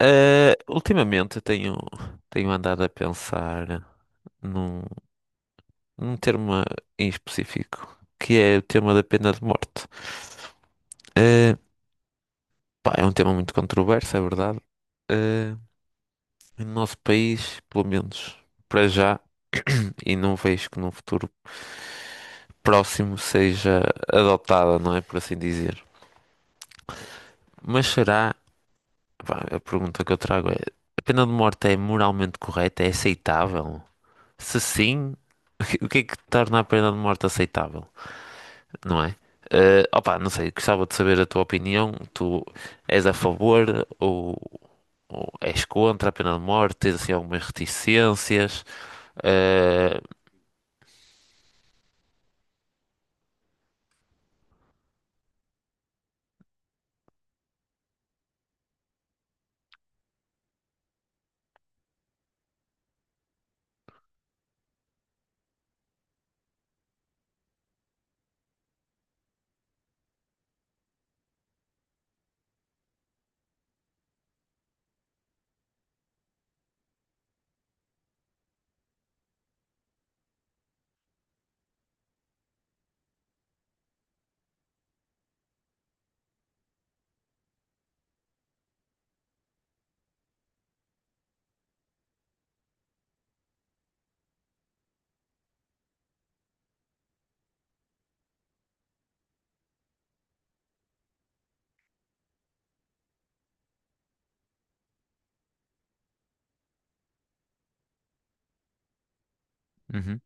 Ultimamente eu tenho, tenho andado a pensar num, num termo em específico, que é o tema da pena de morte. Ah, Pá, é um tema muito controverso, é verdade. Ah, no nosso país, pelo menos para já, e não vejo que num futuro próximo seja adotada, não é? Por assim dizer. Mas será? Pá, a pergunta que eu trago é: a pena de morte é moralmente correta? É aceitável? Se sim, o que é que torna a pena de morte aceitável? Não é? Opa, não sei, gostava de saber a tua opinião. Tu és a favor ou és contra a pena de morte? Tens assim algumas reticências? Eh, Uhum,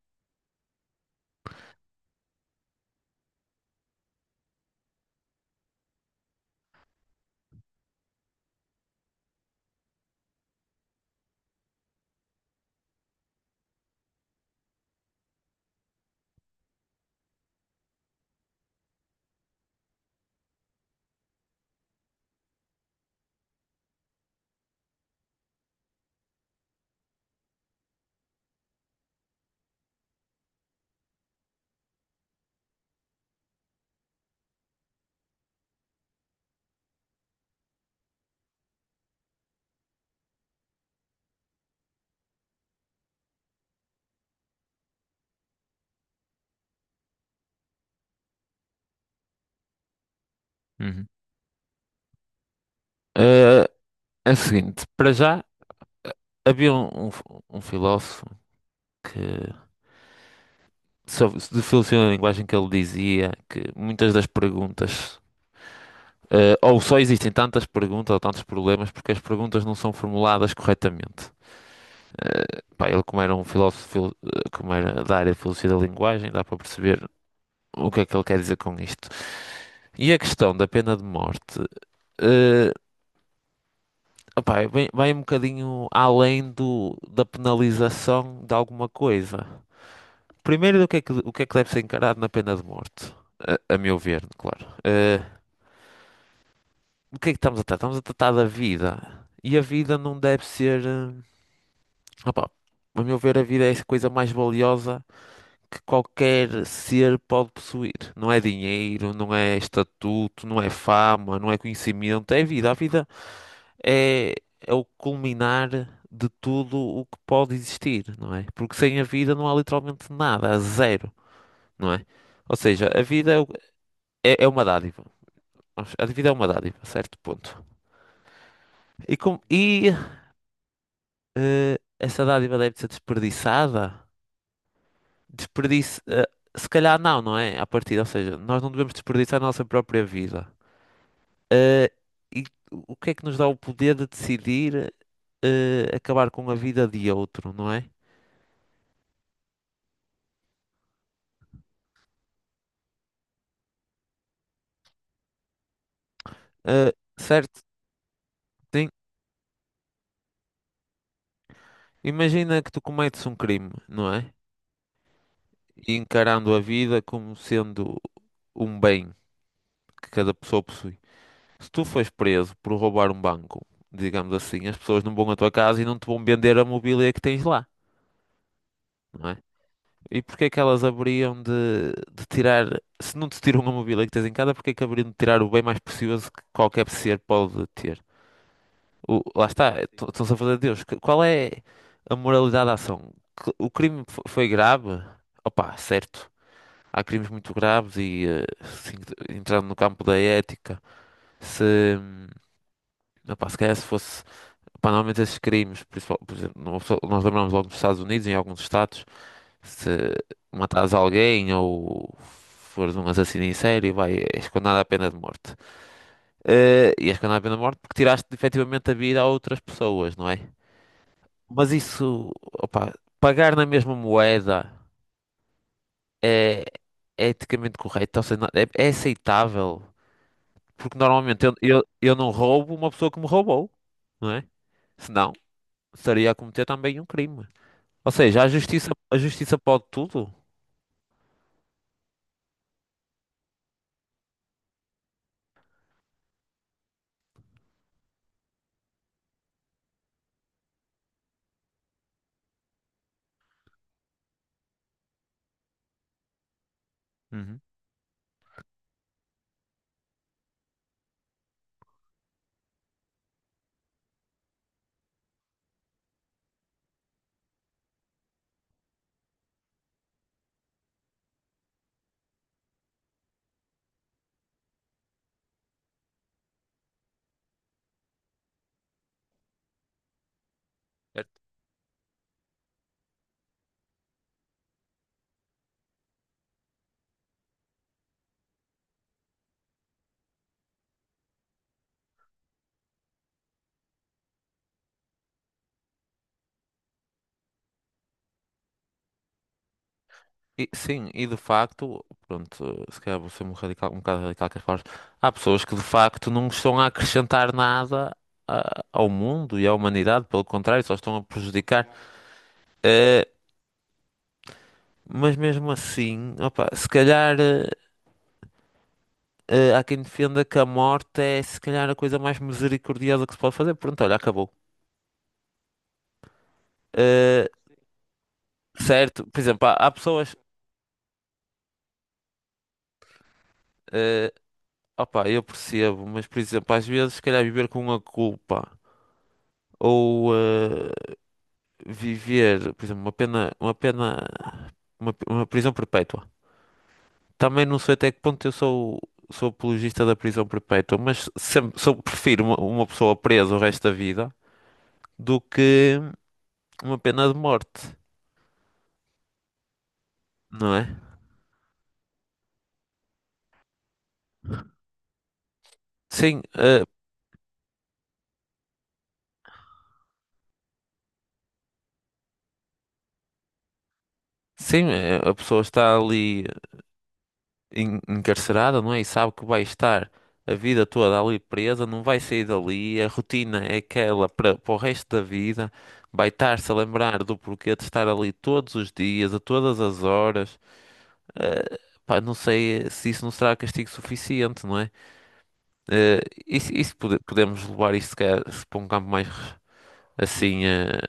uhum. Eh, É o seguinte, para já havia um filósofo que sobre, de filosofia da linguagem que ele dizia que muitas das perguntas ou só existem tantas perguntas ou tantos problemas porque as perguntas não são formuladas corretamente. Pá, ele, como era um filósofo, como era da área de filosofia da linguagem, dá para perceber o que é que ele quer dizer com isto. E a questão da pena de morte, eh, opá, vai um bocadinho além da penalização de alguma coisa. Primeiro, do que é que, o que é que deve ser encarado na pena de morte? A meu ver, claro. Do que é que estamos a tratar? Estamos a tratar da vida. E a vida não deve ser. Opa, a meu ver, a vida é a coisa mais valiosa que qualquer ser pode possuir. Não é dinheiro, não é estatuto, não é fama, não é conhecimento, é vida. A vida é, é o culminar de tudo o que pode existir, não é? Porque sem a vida não há literalmente nada, há zero, não é? Ou seja, a vida é uma dádiva. A vida é uma dádiva, certo ponto. E, essa dádiva deve ser desperdiçada? Desperdício. Se calhar não, não é? À partida, ou seja, nós não devemos desperdiçar a nossa própria vida. Eh, e o que é que nos dá o poder de decidir acabar com a vida de outro, não é? Certo, sim. Imagina que tu cometes um crime, não é? E encarando a vida como sendo um bem que cada pessoa possui. Se tu fores preso por roubar um banco, digamos assim, as pessoas não vão à tua casa e não te vão vender a mobília que tens lá, não é? E porque é que elas haveriam de tirar, se não te tiram a mobília que tens em casa, porque é que haveriam de tirar o bem mais precioso que qualquer ser pode ter? Lá está, sim. Estão-se a fazer Deus. Qual é a moralidade da ação? O crime foi grave? Opa, certo. Há crimes muito graves e assim, entrando no campo da ética, se, hum, se calhar se fosse, opa, normalmente esses crimes, por exemplo, nós lembramos logo dos Estados Unidos, em alguns estados, se matares alguém ou fores um assassino em série, és condenado à pena de morte. E és condenado à pena de morte porque tiraste efetivamente a vida a outras pessoas, não é? Mas isso, opa, pagar na mesma moeda é, é eticamente correto, ou seja, é aceitável. Porque normalmente eu não roubo uma pessoa que me roubou, não é? Senão estaria a cometer também um crime. Ou seja, a justiça pode tudo. Uhum. Sim, e de facto, pronto, se calhar vou ser um radical, um bocado radical com as palavras. Há pessoas que de facto não estão a acrescentar nada ao mundo e à humanidade, pelo contrário, só estão a prejudicar. Eh, mas mesmo assim, opa, se calhar há quem defenda que a morte é se calhar a coisa mais misericordiosa que se pode fazer. Pronto, olha, acabou. Eh, Certo, por exemplo, há pessoas. eh, Opa, eu percebo, mas por exemplo, às vezes se calhar viver com a culpa ou viver, por exemplo, uma pena, uma prisão perpétua. Também não sei até que ponto eu sou apologista da prisão perpétua, mas sempre, sou, prefiro uma pessoa presa o resto da vida do que uma pena de morte, não é? Sim, eh, sim, a pessoa está ali encarcerada, não é? E sabe que vai estar a vida toda ali presa, não vai sair dali, a rotina é aquela para o resto da vida, vai estar-se a lembrar do porquê de estar ali todos os dias, a todas as horas. Eh, Pá, não sei se isso não será castigo suficiente, não é? Eh, isso, podemos levar isso se calhar, se para um campo mais assim,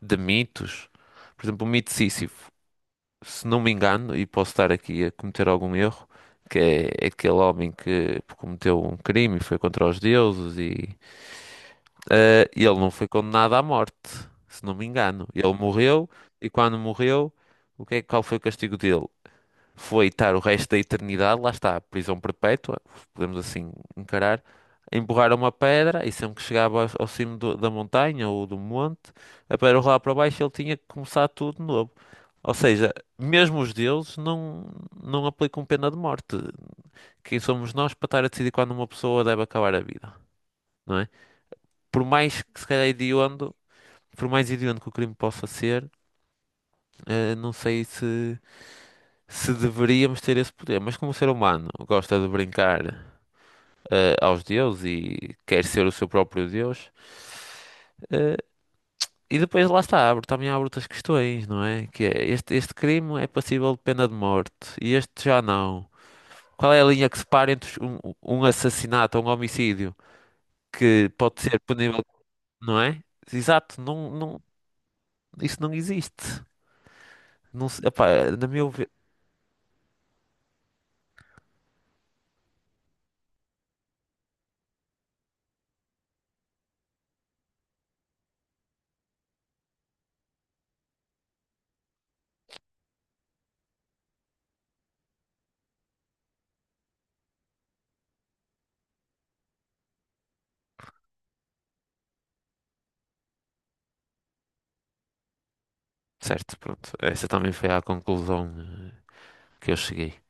de mitos. Por exemplo, o mito de Sísifo. Se não me engano, e posso estar aqui a cometer algum erro, que é aquele homem que cometeu um crime e foi contra os deuses e ele não foi condenado à morte, se não me engano. Ele morreu e quando morreu, qual foi o castigo dele? Foi estar o resto da eternidade, lá está, prisão perpétua, podemos assim encarar, a empurrar uma pedra e sempre que chegava ao cimo da montanha ou do monte, a pedra rolava para baixo, e ele tinha que começar tudo de novo. Ou seja, mesmo os deuses não aplicam pena de morte. Quem somos nós para estar a decidir quando uma pessoa deve acabar a vida, não é? Por mais que se calhar hediondo, por mais hediondo que o crime possa ser, não sei se, se deveríamos ter esse poder. Mas como o ser humano gosta de brincar, aos deuses e quer ser o seu próprio deus, eh, e depois lá está, também abre outras questões, não é? Que é, este crime é passível de pena de morte e este já não. Qual é a linha que separa entre um assassinato ou um homicídio que pode ser punível, não é? Exato, não, isso não existe. Epá, na minha ver, certo, pronto. Essa também foi a conclusão que eu cheguei.